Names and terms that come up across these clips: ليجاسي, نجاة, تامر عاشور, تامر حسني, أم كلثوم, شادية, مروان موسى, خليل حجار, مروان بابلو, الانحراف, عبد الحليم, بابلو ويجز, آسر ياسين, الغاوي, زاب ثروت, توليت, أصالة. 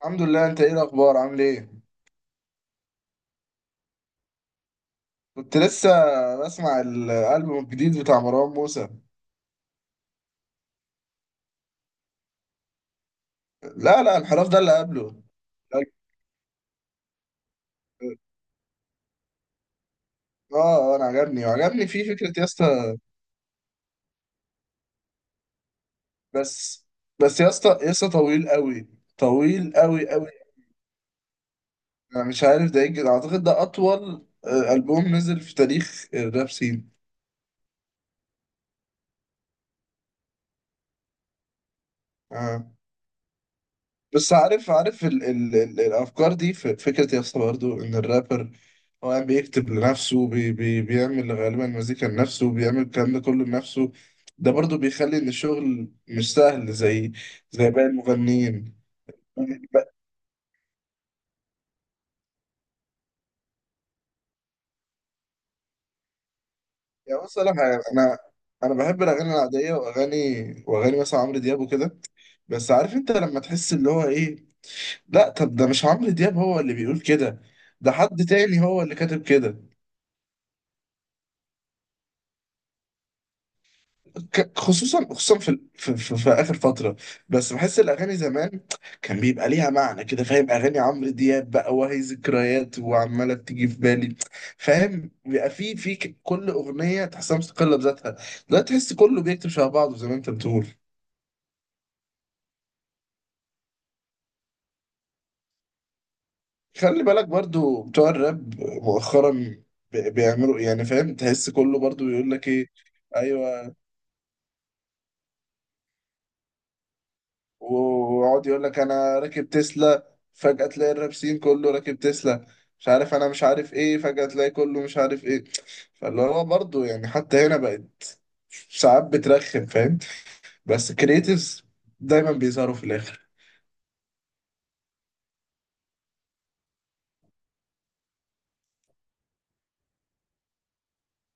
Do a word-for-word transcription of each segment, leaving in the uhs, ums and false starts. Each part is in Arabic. الحمد لله. انت ايه الاخبار؟ عامل ايه؟ كنت لسه بسمع الالبوم الجديد بتاع مروان موسى. لا لا الانحراف ده اللي قبله. اه آه، انا عجبني وعجبني فيه فكره يا اسطى. بس بس يا اسطى يا اسطى طويل قوي، طويل قوي قوي. انا مش عارف ده يجي اعتقد ده اطول آه، البوم نزل في تاريخ الراب سين. آه. بس عارف عارف ال ال ال الافكار دي ف- فكره يا اسطى برضه ان الرابر هو قاعد بيكتب لنفسه، بي بي بيعمل غالبا مزيكا لنفسه، بيعمل الكلام ده كله لنفسه. ده برضه بيخلي ان الشغل مش سهل زي زي باقي المغنيين. ب- يعني بص أقول لك حاجة، انا انا بحب الاغاني العاديه واغاني، واغاني مثلا عمرو دياب وكده. بس عارف انت لما تحس اللي هو ايه، لا طب ده مش عمرو دياب هو اللي بيقول كده، ده حد تاني هو اللي كاتب كده. ك- خصوصا خصوصا في, في, في, في اخر فتره. بس بحس الاغاني زمان كان بيبقى ليها معنى كده، فاهم؟ اغاني عمرو دياب بقى وهي ذكريات وعماله بتيجي في بالي. فاهم؟ بيبقى في في ك- كل اغنيه تحسها مستقله بذاتها، لا تحس كله بيكتب شبه بعضه زي ما انت بتقول. خلي بالك برضو بتوع الراب مؤخرا، بي- بيعملوا يعني، فاهم؟ تحس كله برضو يقول لك ايه. ايوه. ويقعد يقول لك انا راكب تسلا، فجأة تلاقي الرابسين كله راكب تسلا، مش عارف انا مش عارف ايه، فجأة تلاقي كله مش عارف ايه. فاللي هو برضه يعني حتى هنا بقت ساعات بترخم، فاهم؟ بس كريتيفز دايما بيظهروا في الاخر.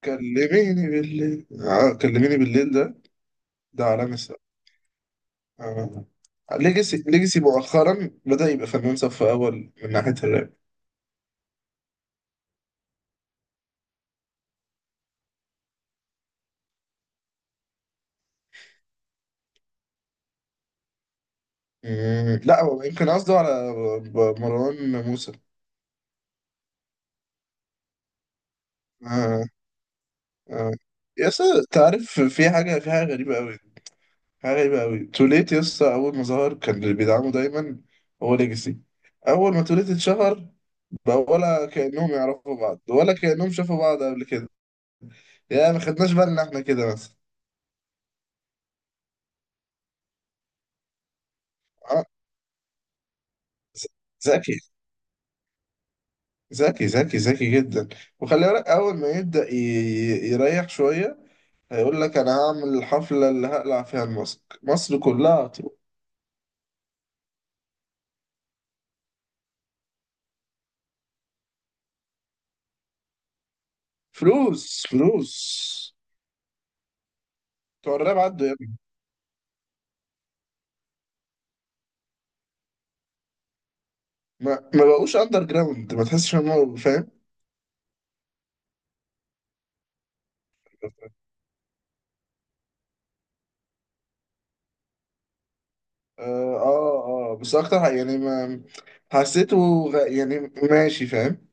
كلميني بالليل، آه كلميني بالليل ده، ده عالمي الصراحة. آه. ليجاسي ليجاسي مؤخرا بدأ يبقى فنان صف أول من ناحية الراب. مم، لا هو يمكن قصده على ب- مروان موسى. آه. آه. يا اسطى انت عارف في حاجه في حاجه غريبه قوي، حاجه غريبه قوي. توليت يا اسطى اول ما ظهر كان اللي بيدعمه دايما هو ليجاسي. اول ما توليت اتشهر بقى ولا كانهم يعرفوا بعض ولا كانهم شافوا بعض قبل كده. يا ما خدناش بالنا احنا كده مثلا. آه، ذ- ذكي، ذكي ذكي ذكي جدا. وخلي بالك اول ما يبدا ي- ي- يريح شويه هيقول لك انا هعمل الحفله اللي هقلع فيها الماسك، مصر كلها هتروح. فلوس فلوس. بتوع الراب عدوا، ما ما بقوش اندر جراوند، ما تحسش ان هو فاهم. اه. اه آه، بس اكتر حاجة يعني ما حسيته، غ- يعني ماشي فاهم.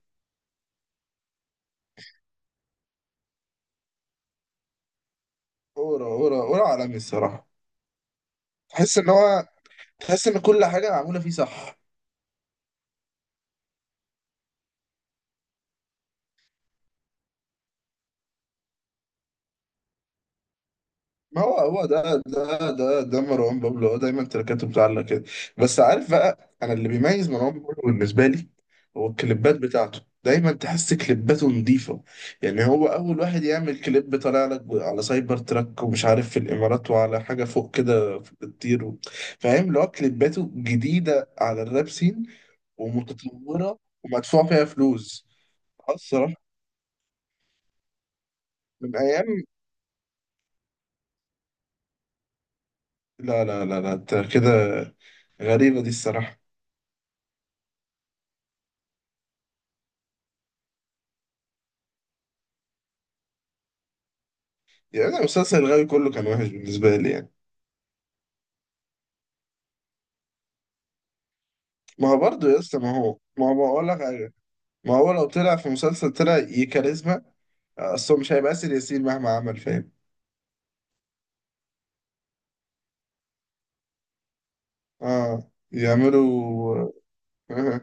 اورا، اورا اورا عالمي الصراحة. تحس ان هو، تحس ان كل حاجة معمولة فيه صح. ما هو هو ده ده ده ده مروان بابلو هو دايما تركاته بتعلق كده. بس عارف بقى انا اللي بيميز مروان بابلو بالنسبه لي هو الكليبات بتاعته، دايما تحس كليباته نظيفه. يعني هو اول واحد يعمل كليب طالع لك ب- على سايبر تراك ومش عارف في الامارات وعلى حاجه فوق كده في- بتطير و- فاهم؟ اللي هو كليباته جديده على الراب سين، ومتطوره ومدفوع فيها فلوس. آه الصراحه. من ايام، لا لا لا لا أنت كده، غريبه دي الصراحه. يعني أنا مسلسل الغاوي كله كان وحش بالنسبة لي يعني. ما هو برضه يا اسطى، ما هو ما هو بقول لك حاجة، ما هو لو طلع في مسلسل طلع يكاريزما أصله مش هيبقى آسر ياسين مهما عمل فاهم. اه يعملوا.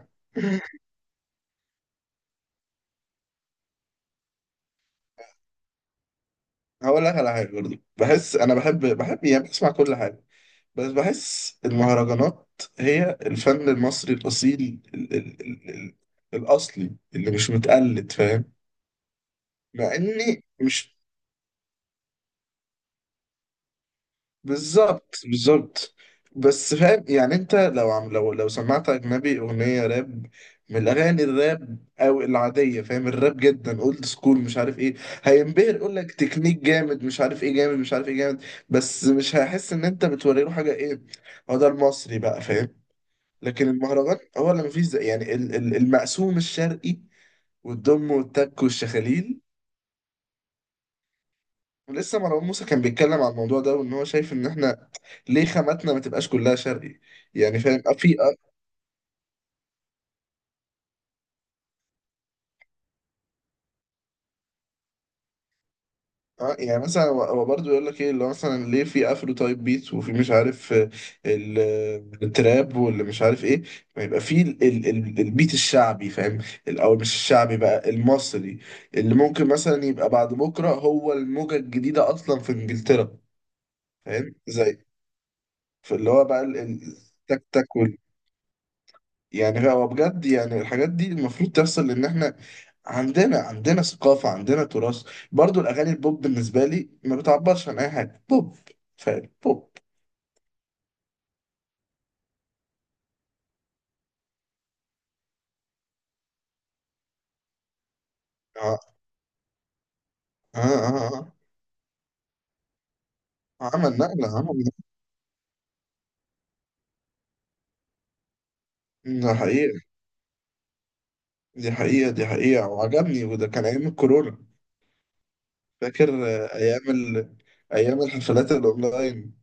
هقول لك على حاجة، برضه بحس أنا بحب بحب يعني بسمع كل حاجة، بس بحس المهرجانات هي الفن المصري الأصيل ال ال ال ال الأصلي اللي مش متقلد فاهم. مع إني مش، بالظبط بالظبط. بس فاهم يعني انت لو عم لو لو سمعت اجنبي اغنيه راب من الاغاني الراب او العاديه، فاهم الراب جدا اولد سكول مش عارف ايه، هينبهر يقول لك تكنيك جامد مش عارف ايه جامد مش عارف ايه جامد. بس مش هيحس ان انت بتوري له حاجه ايه، هو ده المصري بقى فاهم. لكن المهرجان هو اللي مفيش زي، يعني ال- ال- المقسوم الشرقي والدم والتك والشخاليل. لسه مروان موسى كان بيتكلم على الموضوع ده وان هو شايف ان احنا ليه خاماتنا ما تبقاش كلها شرقي. يعني فاهم؟ آه، في آه. آه، يعني مثلا هو هو برضه يقول لك ايه اللي هو مثلا ليه في افرو تايب بيت وفي مش عارف آه، ال- آه، التراب واللي مش عارف ايه، ما يبقى في ال- ال- ال- البيت الشعبي، فاهم؟ ال- او مش الشعبي بقى، المصري، اللي ممكن مثلا يبقى بعد بكره هو الموجه الجديده اصلا في انجلترا. فاهم زي في اللي هو بقى ال- ال- تك تك. يعني هو بجد يعني الحاجات دي المفروض تحصل، لان احنا عندنا، عندنا ثقافة، عندنا تراث. برضو الاغاني البوب بالنسبة لي ما بتعبرش عن اي حاجة، بوب فعلا بوب. اه اه اه آه. عمل نقلة، عمل نقلة، ده حقيقة، دي حقيقة دي حقيقة، وعجبني. وده كان ايام الكورونا، فاكر آه، ايام ال... ايام الحفلات الاونلاين.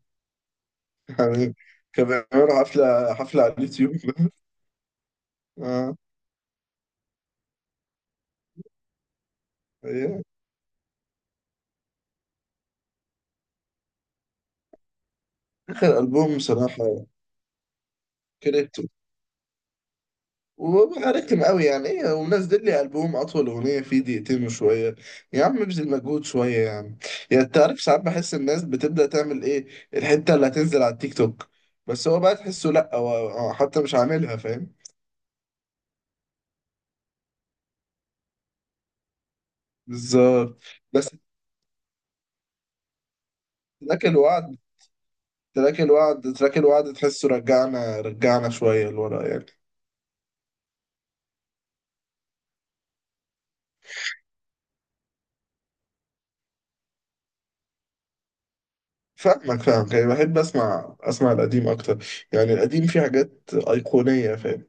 كان بيعملوا حفلة حفلة على اليوتيوب. اه أيام. اخر البوم بصراحة كرهته، وببقى رخم قوي يعني ايه ومنزل لي البوم اطول اغنيه فيه دقيقتين وشويه، يا عم ابذل مجهود شويه يعني. يعني انت عارف ساعات بحس الناس بتبدا تعمل ايه الحته اللي هتنزل على التيك توك، بس هو بقى تحسه لا هو هو حتى مش عاملها فاهم. بالظبط. بس تراك الوعد تراك الوعد تراك الوعد تحسه رجعنا، رجعنا شويه لورا يعني. فاهمك فاهمك، يعني بحب اسمع، اسمع القديم اكتر. يعني القديم فيه حاجات ايقونيه فاهم.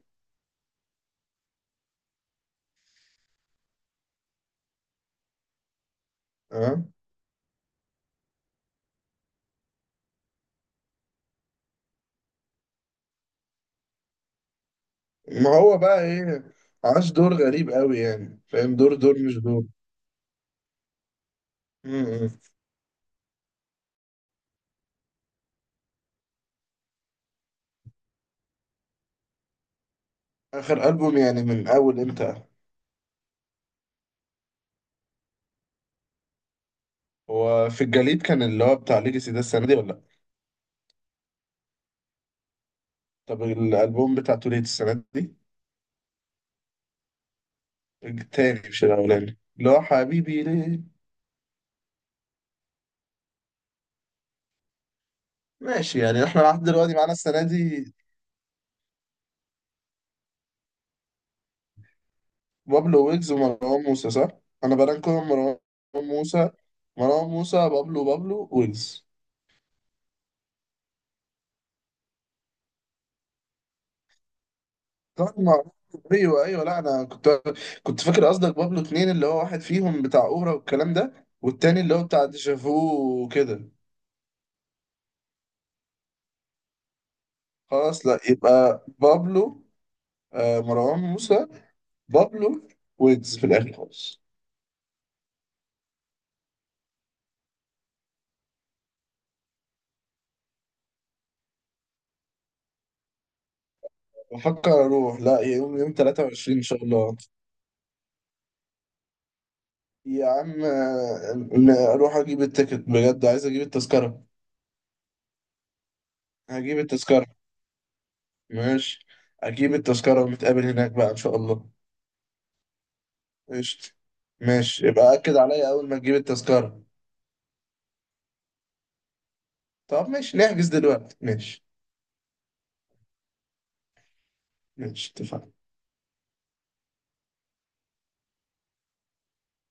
اه. ما هو بقى ايه، عاش دور غريب قوي يعني، فاهم؟ دور دور مش دور. م-م. اخر البوم يعني من اول امتى؟ هو في الجليد كان اللي هو بتاع ليجاسي ده السنه دي ولا لأ؟ طب الالبوم بتاع توليت السنه دي، التاني مش الاولاني اللي هو حبيبي ليه. ماشي، يعني احنا لحد دلوقتي معانا السنه دي بابلو ويجز ومروان موسى، صح؟ انا برانكو مروان موسى، مروان موسى بابلو، بابلو ويجز. طبعا معروف. ايوه ايوه، لا انا كنت كنت فاكر قصدك بابلو اتنين اللي هو واحد فيهم بتاع اورا والكلام ده والتاني اللي هو بتاع ديجافو وكده. خلاص لا، يبقى بابلو، آه مروان موسى، بابلو، ويجز في الاخر خالص. بفكر اروح، لا يوم يوم تلاتة وعشرين ان شاء الله. يا عم آه، ن- اروح اجيب التيكت، بجد عايز اجيب التذكره. هجيب التذكره ماشي، اجيب التذكره ونتقابل هناك بقى ان شاء الله. قشطة. ماشي يبقى أكد عليا أول ما تجيب التذكرة. طب ماشي نحجز دلوقتي، ماشي. ماشي اتفقنا.